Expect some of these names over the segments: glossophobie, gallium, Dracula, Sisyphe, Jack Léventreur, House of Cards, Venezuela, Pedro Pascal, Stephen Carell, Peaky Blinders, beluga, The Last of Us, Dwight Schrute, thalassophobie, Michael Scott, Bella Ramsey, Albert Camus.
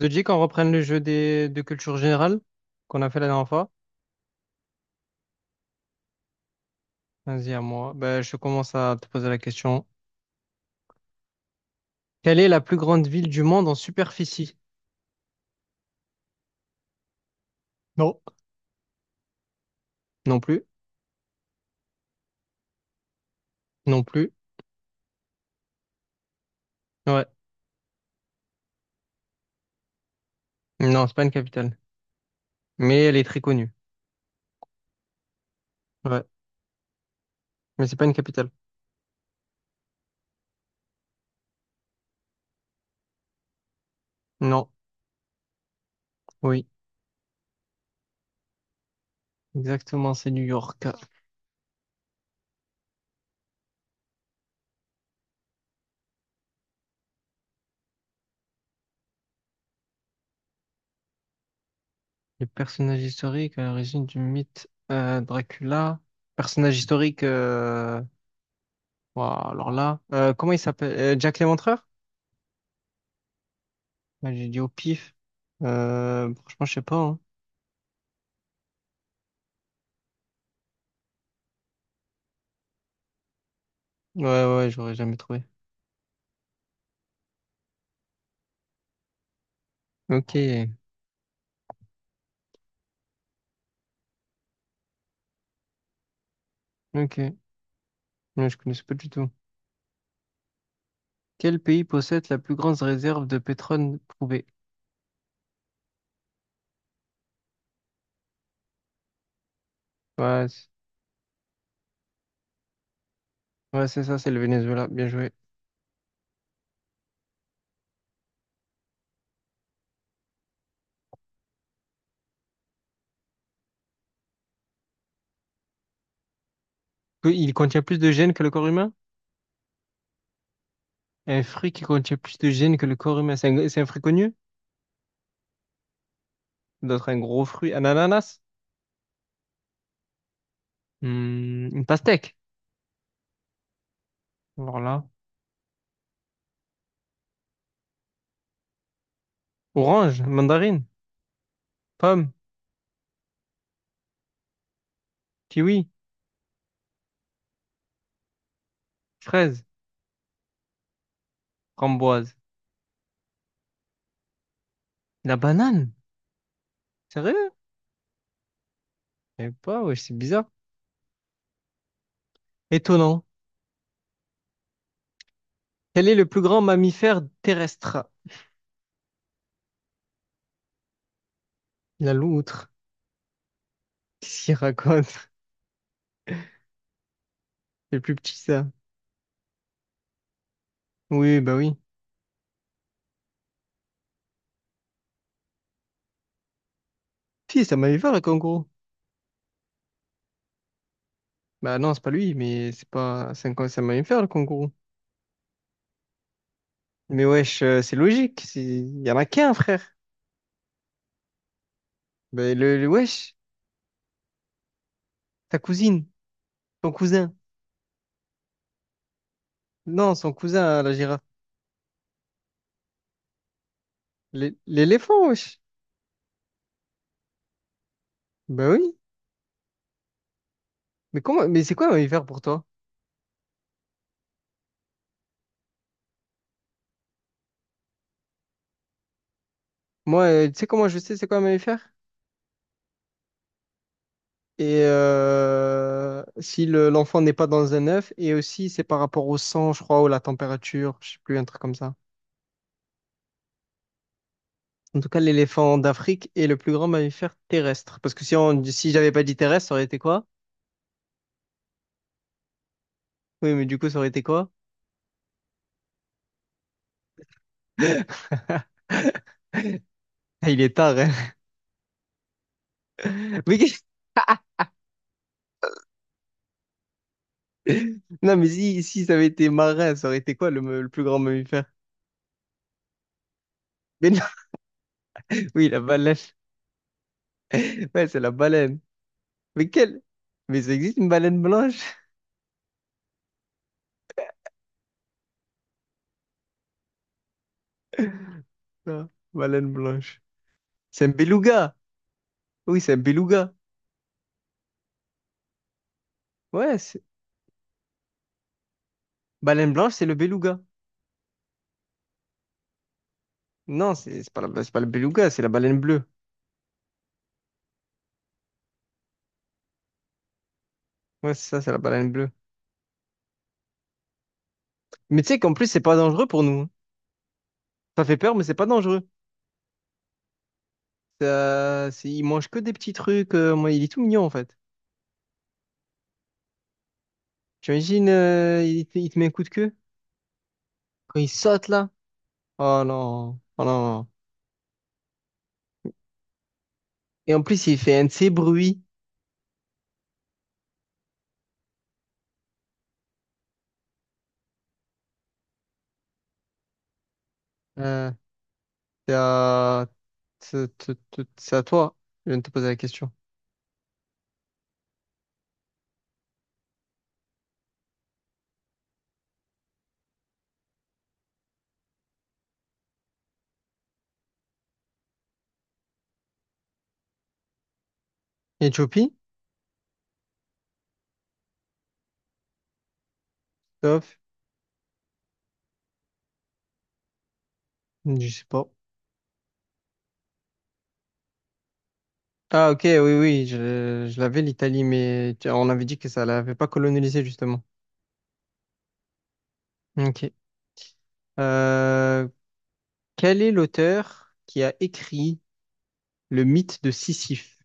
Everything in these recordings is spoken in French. Te dis qu'on reprenne le jeu de culture générale qu'on a fait la dernière fois? Vas-y, à moi. Ben, je commence à te poser la question. Quelle est la plus grande ville du monde en superficie? Non. Non plus. Non plus. Ouais. Non, c'est pas une capitale. Mais elle est très connue. Ouais. Mais c'est pas une capitale. Non. Oui. Exactement, c'est New York. Les personnages historiques à l'origine du mythe Dracula. Personnage historique. Ouah, alors là. Comment il s'appelle? Jack Léventreur? Ouais, j'ai dit au pif. Franchement, je sais pas, hein. Ouais, ouais, ouais, j'aurais jamais trouvé. Ok, ok. Ouais, je connaissais pas du tout. Quel pays possède la plus grande réserve de pétrole prouvée? Ouais, c'est ouais, c'est ça, c'est le Venezuela. Bien joué. Que- Il contient plus de gènes que le corps humain? Un fruit qui contient plus de gènes que le corps humain. C'est un fruit connu? D'autres, un gros fruit. Un ananas? Hmm, une pastèque. Alors là. Orange, mandarine, pomme, kiwi, fraise, framboise. La banane? Sérieux? Je sais pas, ouais, c'est bizarre. Étonnant. Quel est le plus grand mammifère terrestre? La loutre. Qu'est-ce qu'il raconte? C'est plus petit, ça. Oui, bah oui. Si, c'est un mammifère, le kangourou. Bah non, c'est pas lui, mais c'est pas... C'est un mammifère, le kangourou. Mais wesh, c'est logique. C'est- Il y en a qu'un, frère. Bah, ta cousine, ton cousin. Non, son cousin, hein, la girafe. L'é- L'éléphant, wesh. Bah oui. Mais comment... Mais c'est quoi un mammifère pour toi? Moi, tu sais comment je sais c'est quoi un mammifère? Et si le- l'enfant n'est pas dans un œuf, et aussi c'est par rapport au sang, je crois, ou la température, je sais plus, un truc comme ça. En tout cas, l'éléphant d'Afrique est le plus grand mammifère terrestre. Parce que si on, si j'avais pas dit terrestre, ça aurait été quoi? Oui, mais du coup, ça aurait été quoi? Il est tard, hein. Mais qu'est- Non, mais si, si ça avait été marin, ça aurait été quoi le, me- le plus grand mammifère? Mais non, oui, la baleine. Ouais, c'est la baleine. Mais quelle? Mais ça existe une baleine blanche? Non, baleine blanche. C'est un beluga. Oui, c'est un beluga. Ouais, c'est- baleine blanche, c'est le beluga. Non, c'est pas la- c'est pas le beluga, c'est la baleine bleue. Ouais, c'est ça, c'est la baleine bleue. Mais tu sais qu'en plus, c'est pas dangereux pour nous, hein. Ça fait peur, mais c'est pas dangereux. Ça, c'est- il mange que des petits trucs. Moi, il est tout mignon, en fait. Tu imagines, il te met un coup de queue quand il saute là. Oh non, oh non. Et en plus, il fait un de ces bruits. Euh, c'est à... c'est- c'est à toi. Je viens de te poser la question. Éthiopie? Top. Je sais pas. Ah ok, oui, oui, je l'avais l'Italie, mais tu- on avait dit que ça l'avait pas colonisé justement. Ok. Euh, Quel est l'auteur qui a écrit le mythe de Sisyphe?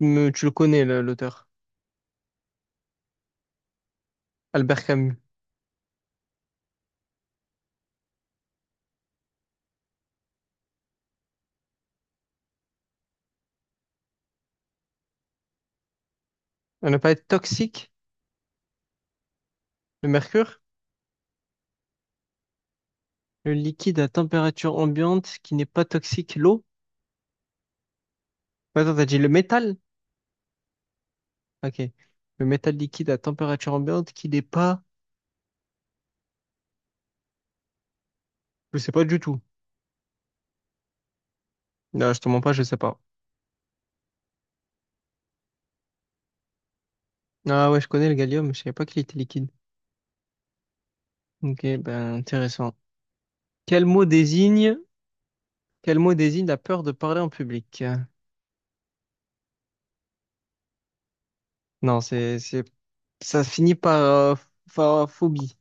Me- tu le connais, le- l'auteur, Albert Camus. On n'a pas être toxique, le mercure, le liquide à température ambiante qui n'est pas toxique, l'eau. Ouais, attends, t'as dit le métal? Ok. Le métal liquide à température ambiante qui n'est pas... Je sais pas du tout. Non, je te mens pas, je sais pas. Ah ouais, je connais le gallium, mais je savais pas qu'il était liquide. Ok, ben intéressant. Quel mot désigne, quel mot désigne la peur de parler en public? Non, c'est, ça finit par, par phobie.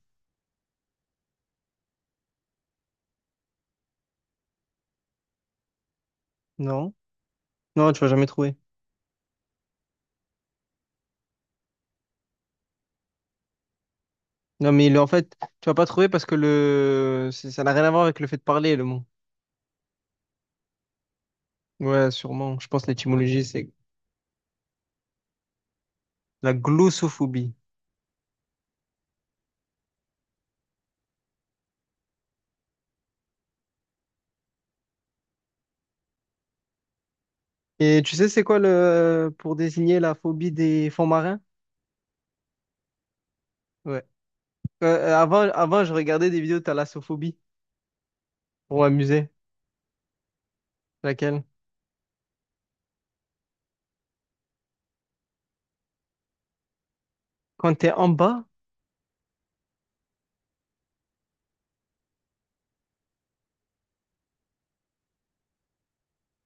Non? Non, tu vas jamais trouver. Non, mais le- en fait, tu vas pas trouver parce que le, c'est- ça n'a rien à voir avec le fait de parler, le mot. Ouais, sûrement. Je pense que l'étymologie, c'est la glossophobie. Et tu sais, c'est quoi le, pour désigner la phobie des fonds marins? Ouais. Avant, je regardais des vidéos de thalassophobie pour m'amuser. Laquelle? Quand t'es en bas,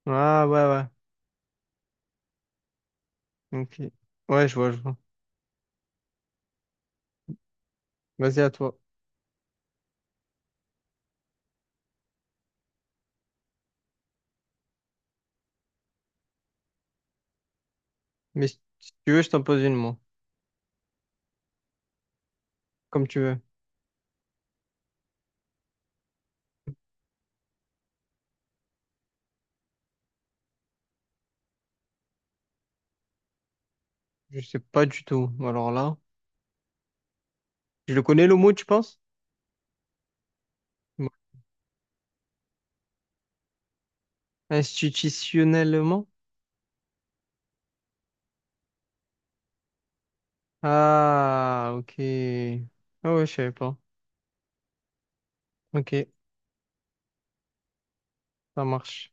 ah ouais, ouais. Ok. Ouais, je vois, je vois. Vas-y à toi. Mais si tu veux, je t'en pose une, moi. Comme tu veux. Je sais pas du tout. Alors là, je le connais le mot, tu penses? Bon. Institutionnellement? Ah, ok. Ah ouais, je savais pas. Ok, ça marche.